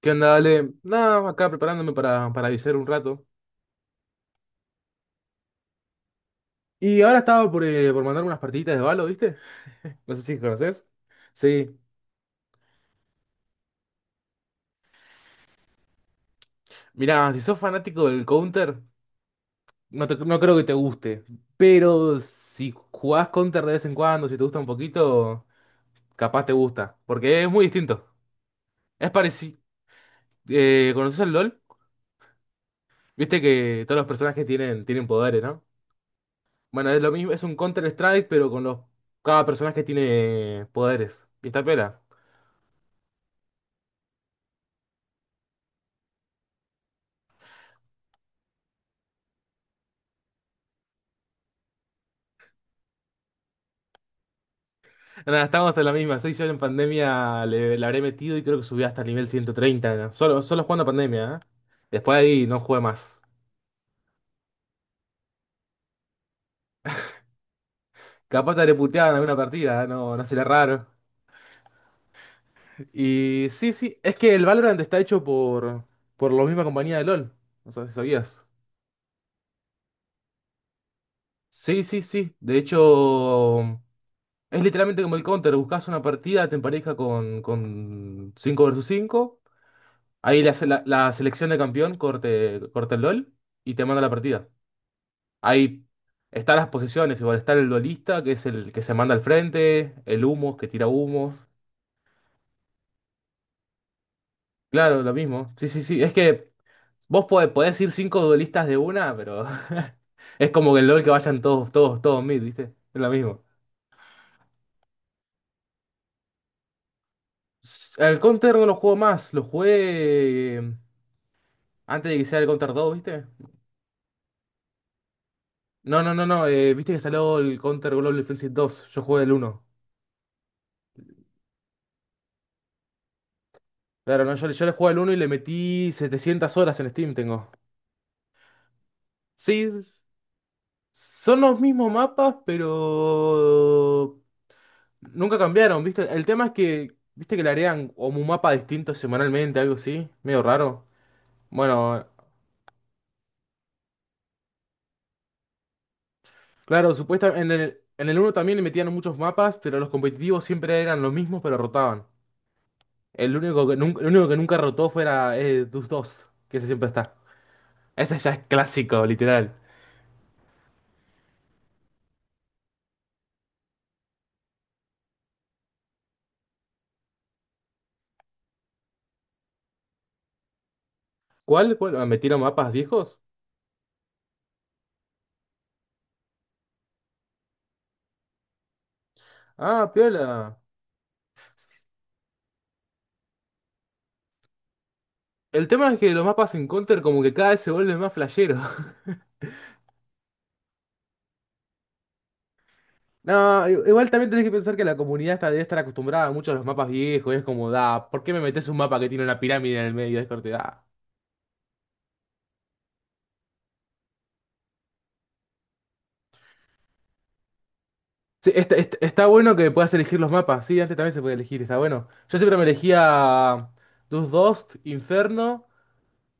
¿Qué onda, Ale? Nada, acá preparándome para avisar un rato. Y ahora estaba por mandar unas partiditas de Valo, ¿viste? No sé si conoces. Sí. Mirá, si sos fanático del Counter, no, no creo que te guste. Pero si jugás Counter de vez en cuando, si te gusta un poquito, capaz te gusta. Porque es muy distinto. Es parecido. ¿Conoces el LOL? Viste que todos los personajes tienen poderes, ¿no? Bueno, es lo mismo, es un Counter Strike, pero con los. Cada personaje tiene poderes. ¿Y esta pela? Nada, estamos en la misma. Seis yo en pandemia le habré metido y creo que subí hasta el nivel 130. ¿No? Solo, solo jugando pandemia, ¿eh? Después de ahí no jugué más. Capaz te habré puteado en alguna partida, ¿eh? No, no será raro. Y sí, sí, es que el Valorant está hecho por la misma compañía de LOL. No sé si sabías. Sí, sí, sí. De hecho, es literalmente como el Counter. Buscas una partida, te empareja con 5 versus cinco. Ahí la, se- la selección de campeón corte, corta el LOL y te manda la partida. Ahí están las posiciones, igual está el duelista, que es el que se manda al frente, el humo, que tira humos. Claro, lo mismo. Sí, sí, sí. Es que vos podés ir cinco duelistas de una, pero es como que el LOL que vayan todos, todos, todos mid, ¿viste? Es lo mismo. El Counter no lo juego más, lo jugué antes de que sea el Counter dos, ¿viste? No, no, no, no, Viste que salió el Counter Global Offensive dos, yo jugué el uno. Claro, no, yo le jugué al uno y le metí 700 horas en Steam, tengo. Sí, son los mismos mapas, pero nunca cambiaron, ¿viste? El tema es que, ¿viste que le harían como un mapa distinto semanalmente, algo así? Medio raro. Bueno, claro, supuestamente en el uno también le metían muchos mapas, pero los competitivos siempre eran los mismos, pero rotaban. El único que nunca, el único que nunca rotó fuera Dust 2, que ese siempre está. Ese ya es clásico, literal. ¿Cuál? ¿Cuál? Ah, ¿metieron mapas viejos? Ah, piola. El tema es que los mapas en Counter como que cada vez se vuelven más flasheros. No, igual también tenés que pensar que la comunidad está, debe estar acostumbrada mucho a los mapas viejos. Es como, da, ¿por qué me metes un mapa que tiene una pirámide en el medio? Es corte, da. Sí, está, está bueno que puedas elegir los mapas. Sí, antes también se podía elegir, está bueno. Yo siempre me elegía Dus Dost, Inferno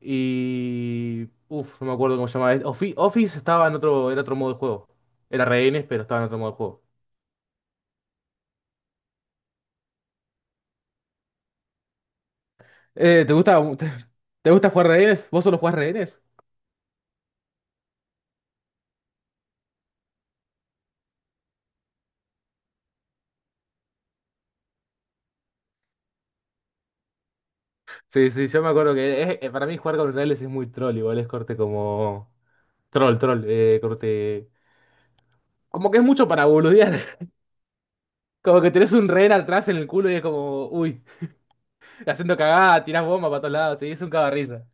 y. Uf, no me acuerdo cómo se llamaba. Office estaba en otro, era otro modo de juego. Era rehenes, pero estaba en otro modo de juego. ¿Te gusta, te, gusta jugar rehenes? ¿Vos solo jugás rehenes? Sí, sí, yo me acuerdo que para mí jugar con reales es muy troll, igual es corte como... Troll, troll, corte... Como que es mucho para boludear. Como que tenés un rehén atrás en el culo y es como, uy, haciendo cagada, tirás bomba para todos lados, sí, es un cagarrisa.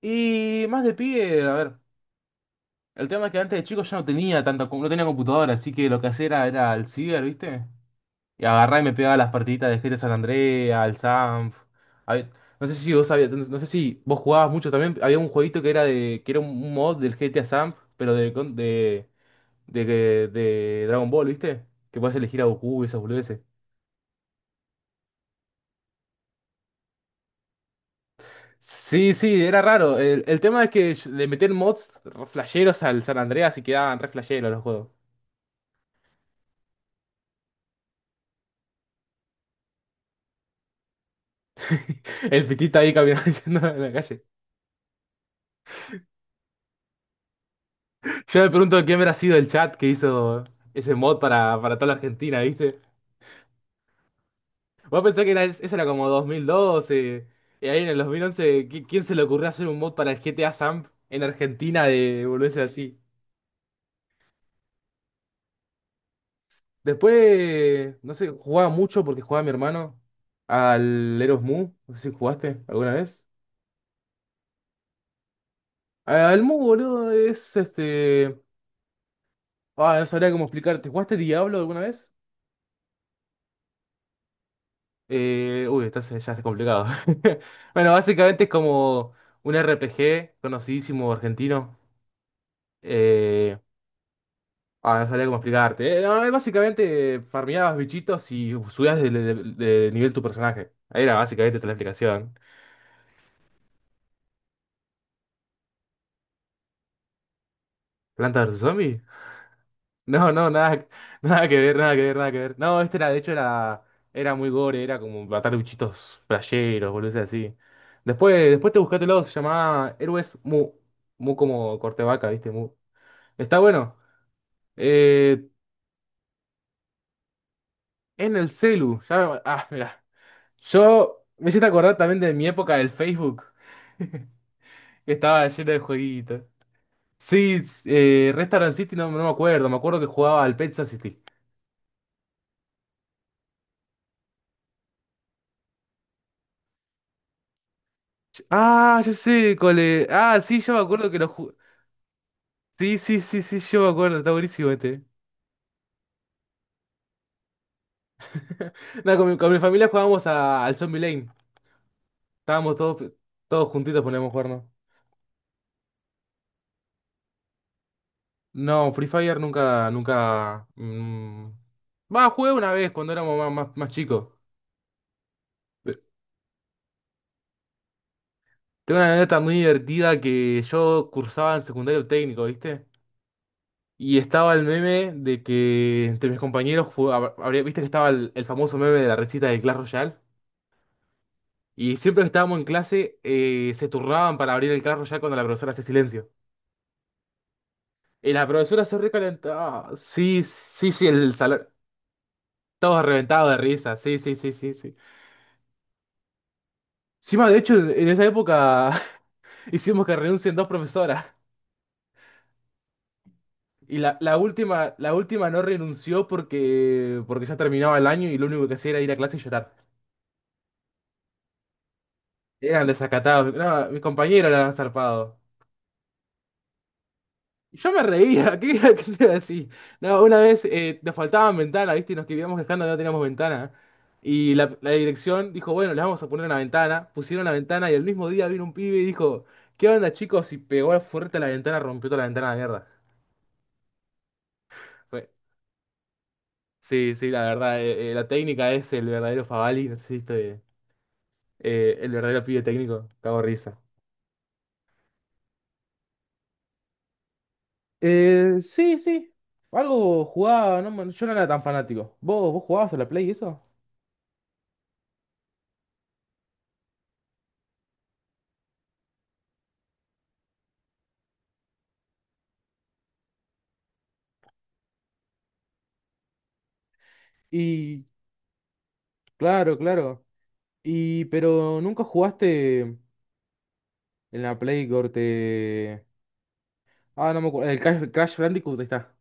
Y más de pibe, a ver, el tema es que antes de chico yo no tenía tanta, no tenía computadora, así que lo que hacía era el ciber, ¿viste? Y agarraba y me pegaba las partiditas de GTA San Andreas, al Sanf. Hab- No sé si vos sabías, no no sé si vos jugabas mucho también. Había un jueguito que era de, que era un mod del GTA Sanf, pero de, con- de Dragon Ball, ¿viste? Que podías elegir a Goku y esas boludeces. Sí, sí, era raro. El tema es que le metían mods re flasheros al San Andreas y quedaban re flasheros los juegos. El pitita ahí caminando yendo en la calle. Yo me pregunto quién habrá sido el chat que hizo ese mod para toda la Argentina, ¿viste? Vos pensás que era, eso era como 2012. Y ahí en el 2011, ¿quién se le ocurrió hacer un mod para el GTA Samp en Argentina de volverse así? Después, no sé, jugaba mucho porque jugaba mi hermano al Eros Mu. No sé si jugaste alguna vez. Al Mu, boludo, es este. Ah, no sabría cómo explicarte. ¿Jugaste Diablo alguna vez? Uy, estás, ya está complicado. Bueno, básicamente es como un RPG conocidísimo argentino. eh, Ah, no sabía cómo explicarte. No, básicamente farmeabas bichitos y subías de, de nivel tu personaje. Ahí era básicamente toda la explicación. ¿Planta vs zombie? No, no, nada, nada que ver, nada que ver, nada que ver. No, este era, de hecho, era muy gore, era como matar bichitos playeros, boludeces así. Después, después te buscátelo, se llamaba Héroes Mu. Mu como corte vaca, ¿viste? Mu. Está bueno. Eh, en el celu. Ya, ah, mira. Yo me hiciste acordar también de mi época del Facebook. que estaba lleno de jueguitos. Sí, Restaurant City no, no me acuerdo, me acuerdo que jugaba al Pet City. Ah, ya sé, cole. Ah, sí, yo me acuerdo que sí, sí, sí, sí, yo me acuerdo, está buenísimo este. No, con mi familia jugábamos al Zombie Lane. Estábamos todos, todos juntitos poníamos a jugar, ¿no? No, Free Fire nunca, nunca. Mm. Va, jugué una vez cuando éramos más, más, más chicos. Pe- Tengo una anécdota muy divertida que yo cursaba en secundario técnico, ¿viste? Y estaba el meme de que entre mis compañeros, viste que estaba el famoso meme de la recita de Clash Royale. Y siempre que estábamos en clase, se turnaban para abrir el Clash Royale cuando la profesora hace silencio. Y la profesora se recalentaba. Sí, sí, sí, el salón. Todos reventados de risa. Sí, sí, sí, sí, sí. Encima, de hecho, en esa época hicimos que renuncien dos profesoras. Y la, la última no renunció porque, porque ya terminaba el año y lo único que hacía era ir a clase y llorar. Eran desacatados. No, mi compañero era zarpado. Y yo me reía, ¿qué, qué te iba a decir? No, una vez nos faltaban ventanas, ¿viste? Y nos quedábamos quejando de que no teníamos ventana. Y la dirección dijo, bueno, les vamos a poner una ventana. Pusieron la ventana y el mismo día vino un pibe y dijo, ¿qué onda, chicos? Y pegó fuerte a la ventana, rompió toda la ventana a la mierda. Fue- Sí, sí, la verdad, la técnica es el verdadero Favali, no sé si estoy, el verdadero pibe técnico, cago en risa. Sí, sí. Algo jugaba, no, yo no era tan fanático. ¿Vos, vos jugabas a la Play y eso? Y claro, claro. Y pero nunca jugaste en la Play corte. Ah, no me acuerdo. El Crash, Crash Bandicoot ahí está.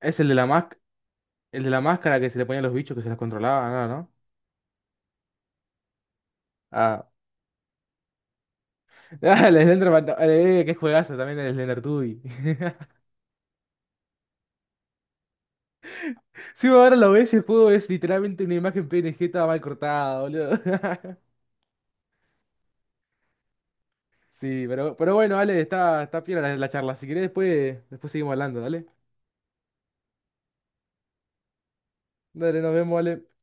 Es el de la más, el de la máscara que se le ponían los bichos que se los controlaba, ¿no? ¿No? Ah, qué juegazo también el Slender Tui. Sí, ahora lo ves, el juego es literalmente una imagen PNG toda mal cortada, boludo. Sí, pero bueno, Ale, está, está piola la charla. Si querés, después seguimos hablando, dale. Dale, nos vemos, Ale.